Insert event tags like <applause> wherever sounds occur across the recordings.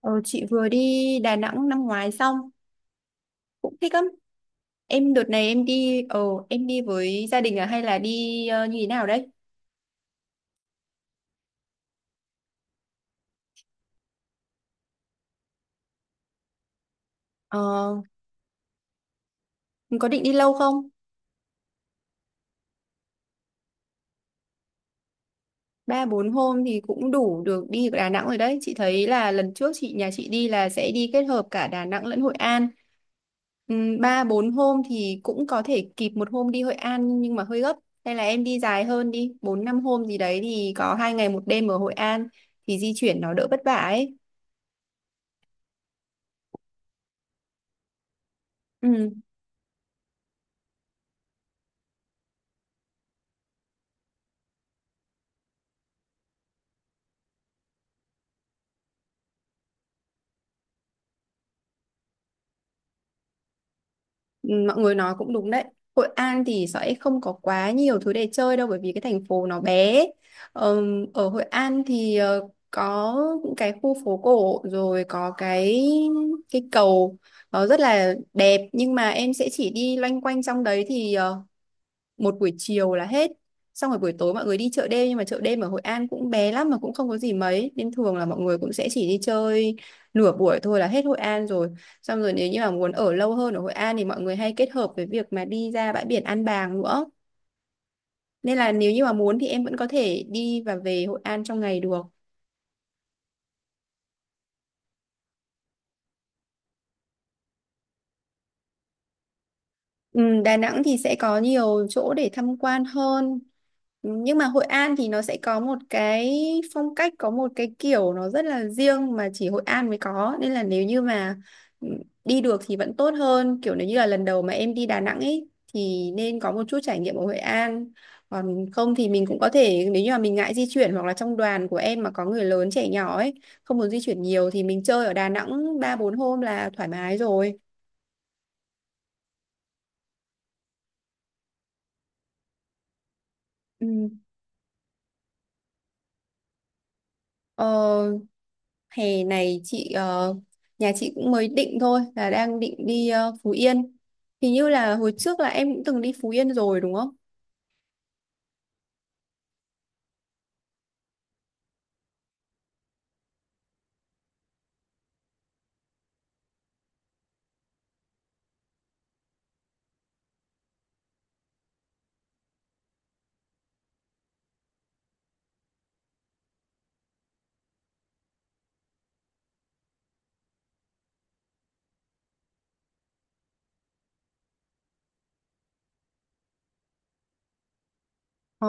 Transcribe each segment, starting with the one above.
Ờ, chị vừa đi Đà Nẵng năm ngoái xong cũng thích lắm. Em đợt này em đi ờ em đi với gia đình à hay là đi như thế nào đấy? Ờ mình có định đi lâu không? Ba bốn hôm thì cũng đủ được đi Đà Nẵng rồi đấy. Chị thấy là lần trước nhà chị đi là sẽ đi kết hợp cả Đà Nẵng lẫn Hội An. Ba bốn hôm thì cũng có thể kịp một hôm đi Hội An nhưng mà hơi gấp. Hay là em đi dài hơn đi, bốn năm hôm gì đấy thì có hai ngày một đêm ở Hội An thì di chuyển nó đỡ vất vả ấy. Ừ. Ừ, mọi người nói cũng đúng đấy. Hội An thì sẽ không có quá nhiều thứ để chơi đâu bởi vì cái thành phố nó bé. Ở Hội An thì có những cái khu phố cổ rồi có cái cầu nó rất là đẹp nhưng mà em sẽ chỉ đi loanh quanh trong đấy thì một buổi chiều là hết, xong rồi buổi tối mọi người đi chợ đêm nhưng mà chợ đêm ở Hội An cũng bé lắm mà cũng không có gì mấy nên thường là mọi người cũng sẽ chỉ đi chơi nửa buổi thôi là hết Hội An rồi. Xong rồi nếu như mà muốn ở lâu hơn ở Hội An thì mọi người hay kết hợp với việc mà đi ra bãi biển An Bàng nữa, nên là nếu như mà muốn thì em vẫn có thể đi và về Hội An trong ngày được. Ừ, Đà Nẵng thì sẽ có nhiều chỗ để tham quan hơn. Ừ, nhưng mà Hội An thì nó sẽ có một cái phong cách, có một cái kiểu nó rất là riêng mà chỉ Hội An mới có. Nên là nếu như mà ừ, đi được thì vẫn tốt hơn. Kiểu nếu như là lần đầu mà em đi Đà Nẵng ấy thì nên có một chút trải nghiệm ở Hội An. Còn không thì mình cũng có thể, nếu như mà mình ngại di chuyển hoặc là trong đoàn của em mà có người lớn trẻ nhỏ ấy, không muốn di chuyển nhiều thì mình chơi ở Đà Nẵng 3 4 hôm là thoải mái rồi. Ừ. Ờ, Hè này nhà chị cũng mới định thôi, là đang định đi Phú Yên, hình như là hồi trước là em cũng từng đi Phú Yên rồi đúng không? Ờ.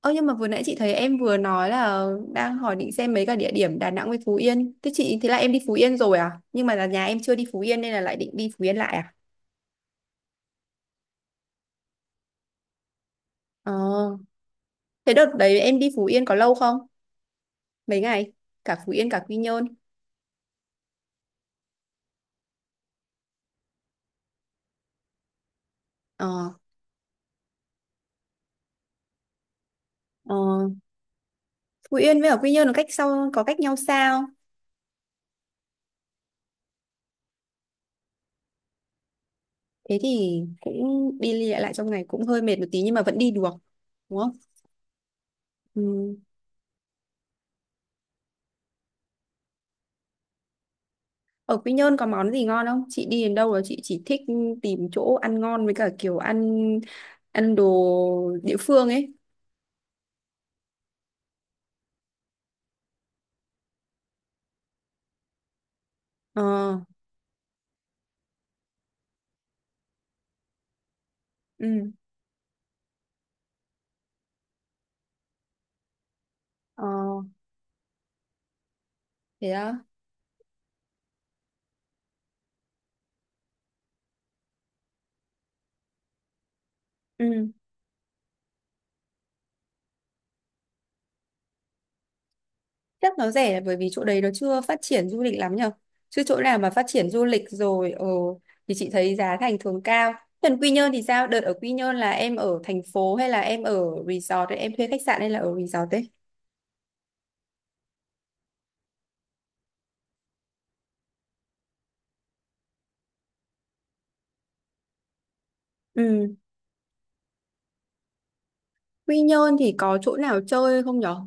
Ơ nhưng mà vừa nãy chị thấy em vừa nói là đang hỏi định xem mấy cái địa điểm Đà Nẵng với Phú Yên. Thế là em đi Phú Yên rồi à? Nhưng mà là nhà em chưa đi Phú Yên nên là lại định đi Phú Yên lại à? Ờ. Thế đợt đấy em đi Phú Yên có lâu không? Mấy ngày? Cả Phú Yên cả Quy Nhơn. Ờ. Ờ, Phú Yên với ở Quy Nhơn nó cách sau có cách nhau sao? Thế thì cũng đi đi lại lại trong ngày cũng hơi mệt một tí nhưng mà vẫn đi được đúng không? Ừ. Ở Quy Nhơn có món gì ngon không? Chị đi đến đâu là chị chỉ thích tìm chỗ ăn ngon với cả kiểu ăn, đồ địa phương ấy. Ờ. Ừ. Ờ. Thế đó. Ừ, chắc nó rẻ là bởi vì chỗ đấy nó chưa phát triển du lịch lắm nhở, chứ chỗ nào mà phát triển du lịch rồi thì chị thấy giá thành thường cao. Còn Quy Nhơn thì sao? Đợt ở Quy Nhơn là em ở thành phố hay là em ở resort ấy, em thuê khách sạn hay là ở resort ấy? Ừ. Quy Nhơn thì có chỗ nào chơi không nhở?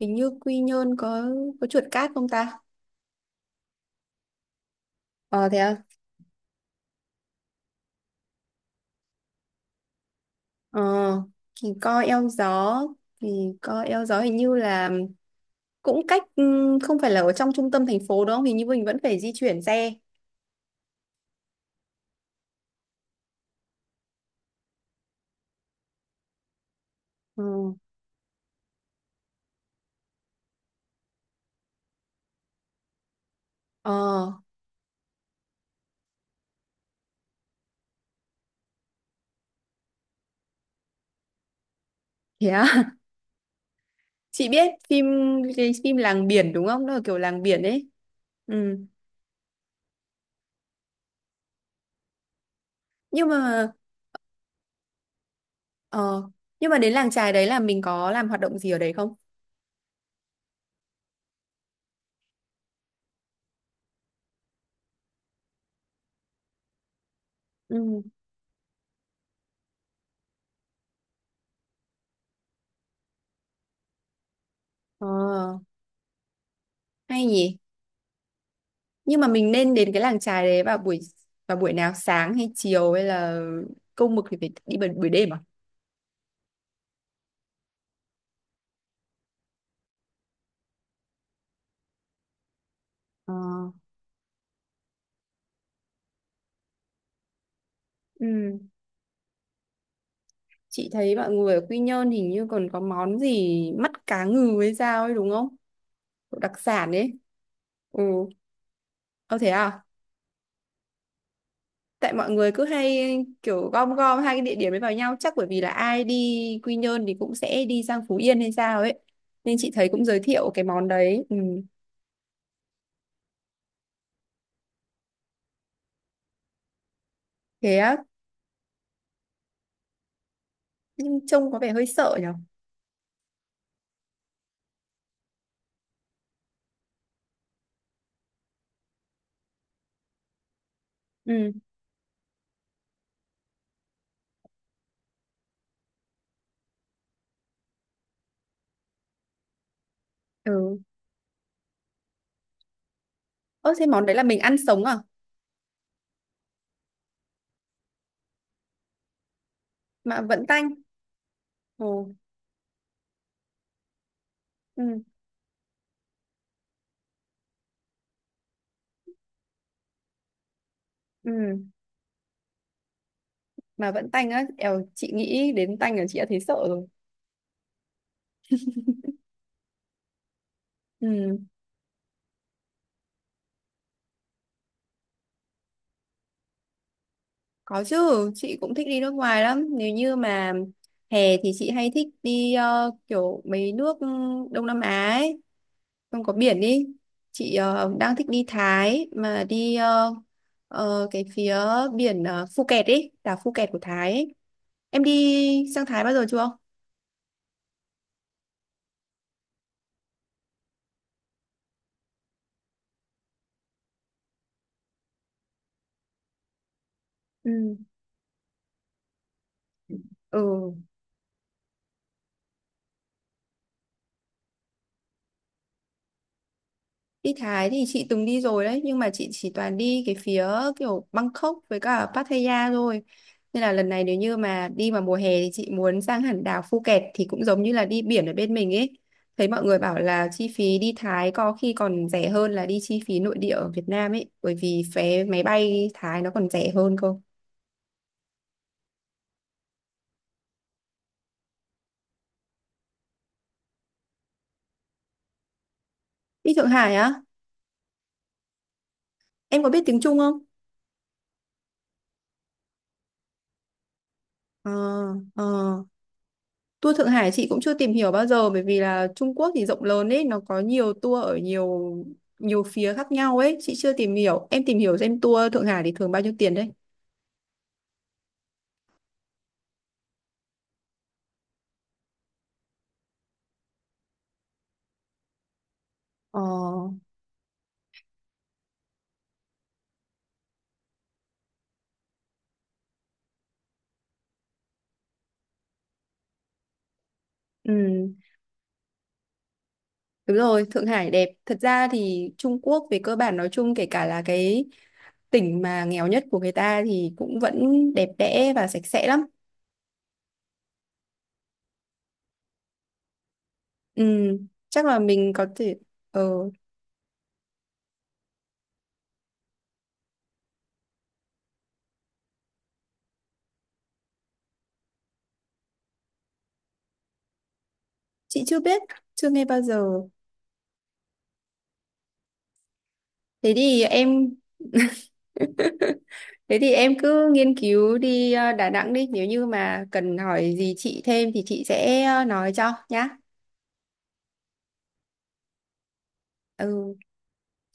Hình như Quy Nhơn có trượt cát không ta? Ờ thế à? Ờ thì coi eo gió, hình như là cũng cách không phải là ở trong trung tâm thành phố đúng không? Hình như mình vẫn phải di chuyển xe. Ừ. Ờ thế à? <laughs> Chị biết phim, cái phim làng biển đúng không? Nó là kiểu làng biển ấy. Ừ. Nhưng mà ờ nhưng mà đến làng chài đấy là mình có làm hoạt động gì ở đấy không? Ừ. Ờ hay nhỉ? Nhưng mà mình nên đến cái làng chài đấy vào buổi nào, sáng hay chiều, hay là câu mực thì phải đi buổi đêm à? Ờ, ừ. Chị thấy mọi người ở Quy Nhơn hình như còn có món gì mắt cá ngừ hay sao ấy đúng không? Kiểu đặc sản ấy. Ừ. Ô thế à? Tại mọi người cứ hay kiểu gom gom hai cái địa điểm ấy vào nhau, chắc bởi vì là ai đi Quy Nhơn thì cũng sẽ đi sang Phú Yên hay sao ấy nên chị thấy cũng giới thiệu cái món đấy. Ừ. Thế á? Nhưng trông có vẻ hơi sợ nhở. Ừ. Ừ. Ơ thế món đấy là mình ăn sống à? Mà vẫn tanh. Ồ, ừ, ừ. Mà vẫn tanh á. Eo, chị nghĩ đến tanh là chị đã thấy sợ rồi. Ừ, có chứ. Chị cũng thích đi nước ngoài lắm. Nếu như mà hè thì chị hay thích đi kiểu mấy nước Đông Nam Á ấy. Không có biển đi. Chị đang thích đi Thái. Mà đi cái phía biển Phu ấy. Đảo Phuket của Thái ấy. Em đi sang Thái bao giờ chưa? Ừ. Ừ. Đi Thái thì chị từng đi rồi đấy nhưng mà chị chỉ toàn đi cái phía kiểu Bangkok với cả Pattaya thôi, nên là lần này nếu như mà đi vào mùa hè thì chị muốn sang hẳn đảo Phuket thì cũng giống như là đi biển ở bên mình ấy. Thấy mọi người bảo là chi phí đi Thái có khi còn rẻ hơn là đi chi phí nội địa ở Việt Nam ấy, bởi vì vé máy bay Thái nó còn rẻ hơn cơ. Đi Thượng Hải á? Em có biết tiếng Trung không? Ờ. Ờ. Tour Thượng Hải chị cũng chưa tìm hiểu bao giờ bởi vì là Trung Quốc thì rộng lớn ấy, nó có nhiều tour ở nhiều nhiều phía khác nhau ấy, chị chưa tìm hiểu. Em tìm hiểu xem tour Thượng Hải thì thường bao nhiêu tiền đấy. Ờ, ừ, đúng rồi, Thượng Hải đẹp. Thật ra thì Trung Quốc về cơ bản nói chung kể cả là cái tỉnh mà nghèo nhất của người ta thì cũng vẫn đẹp đẽ và sạch sẽ lắm. Ừ, chắc là mình có thể ờ chị chưa biết, chưa nghe bao giờ. Thế thì em Thế thì em cứ nghiên cứu đi Đà Nẵng đi, nếu như mà cần hỏi gì chị thêm thì chị sẽ nói cho nhá. Ừ.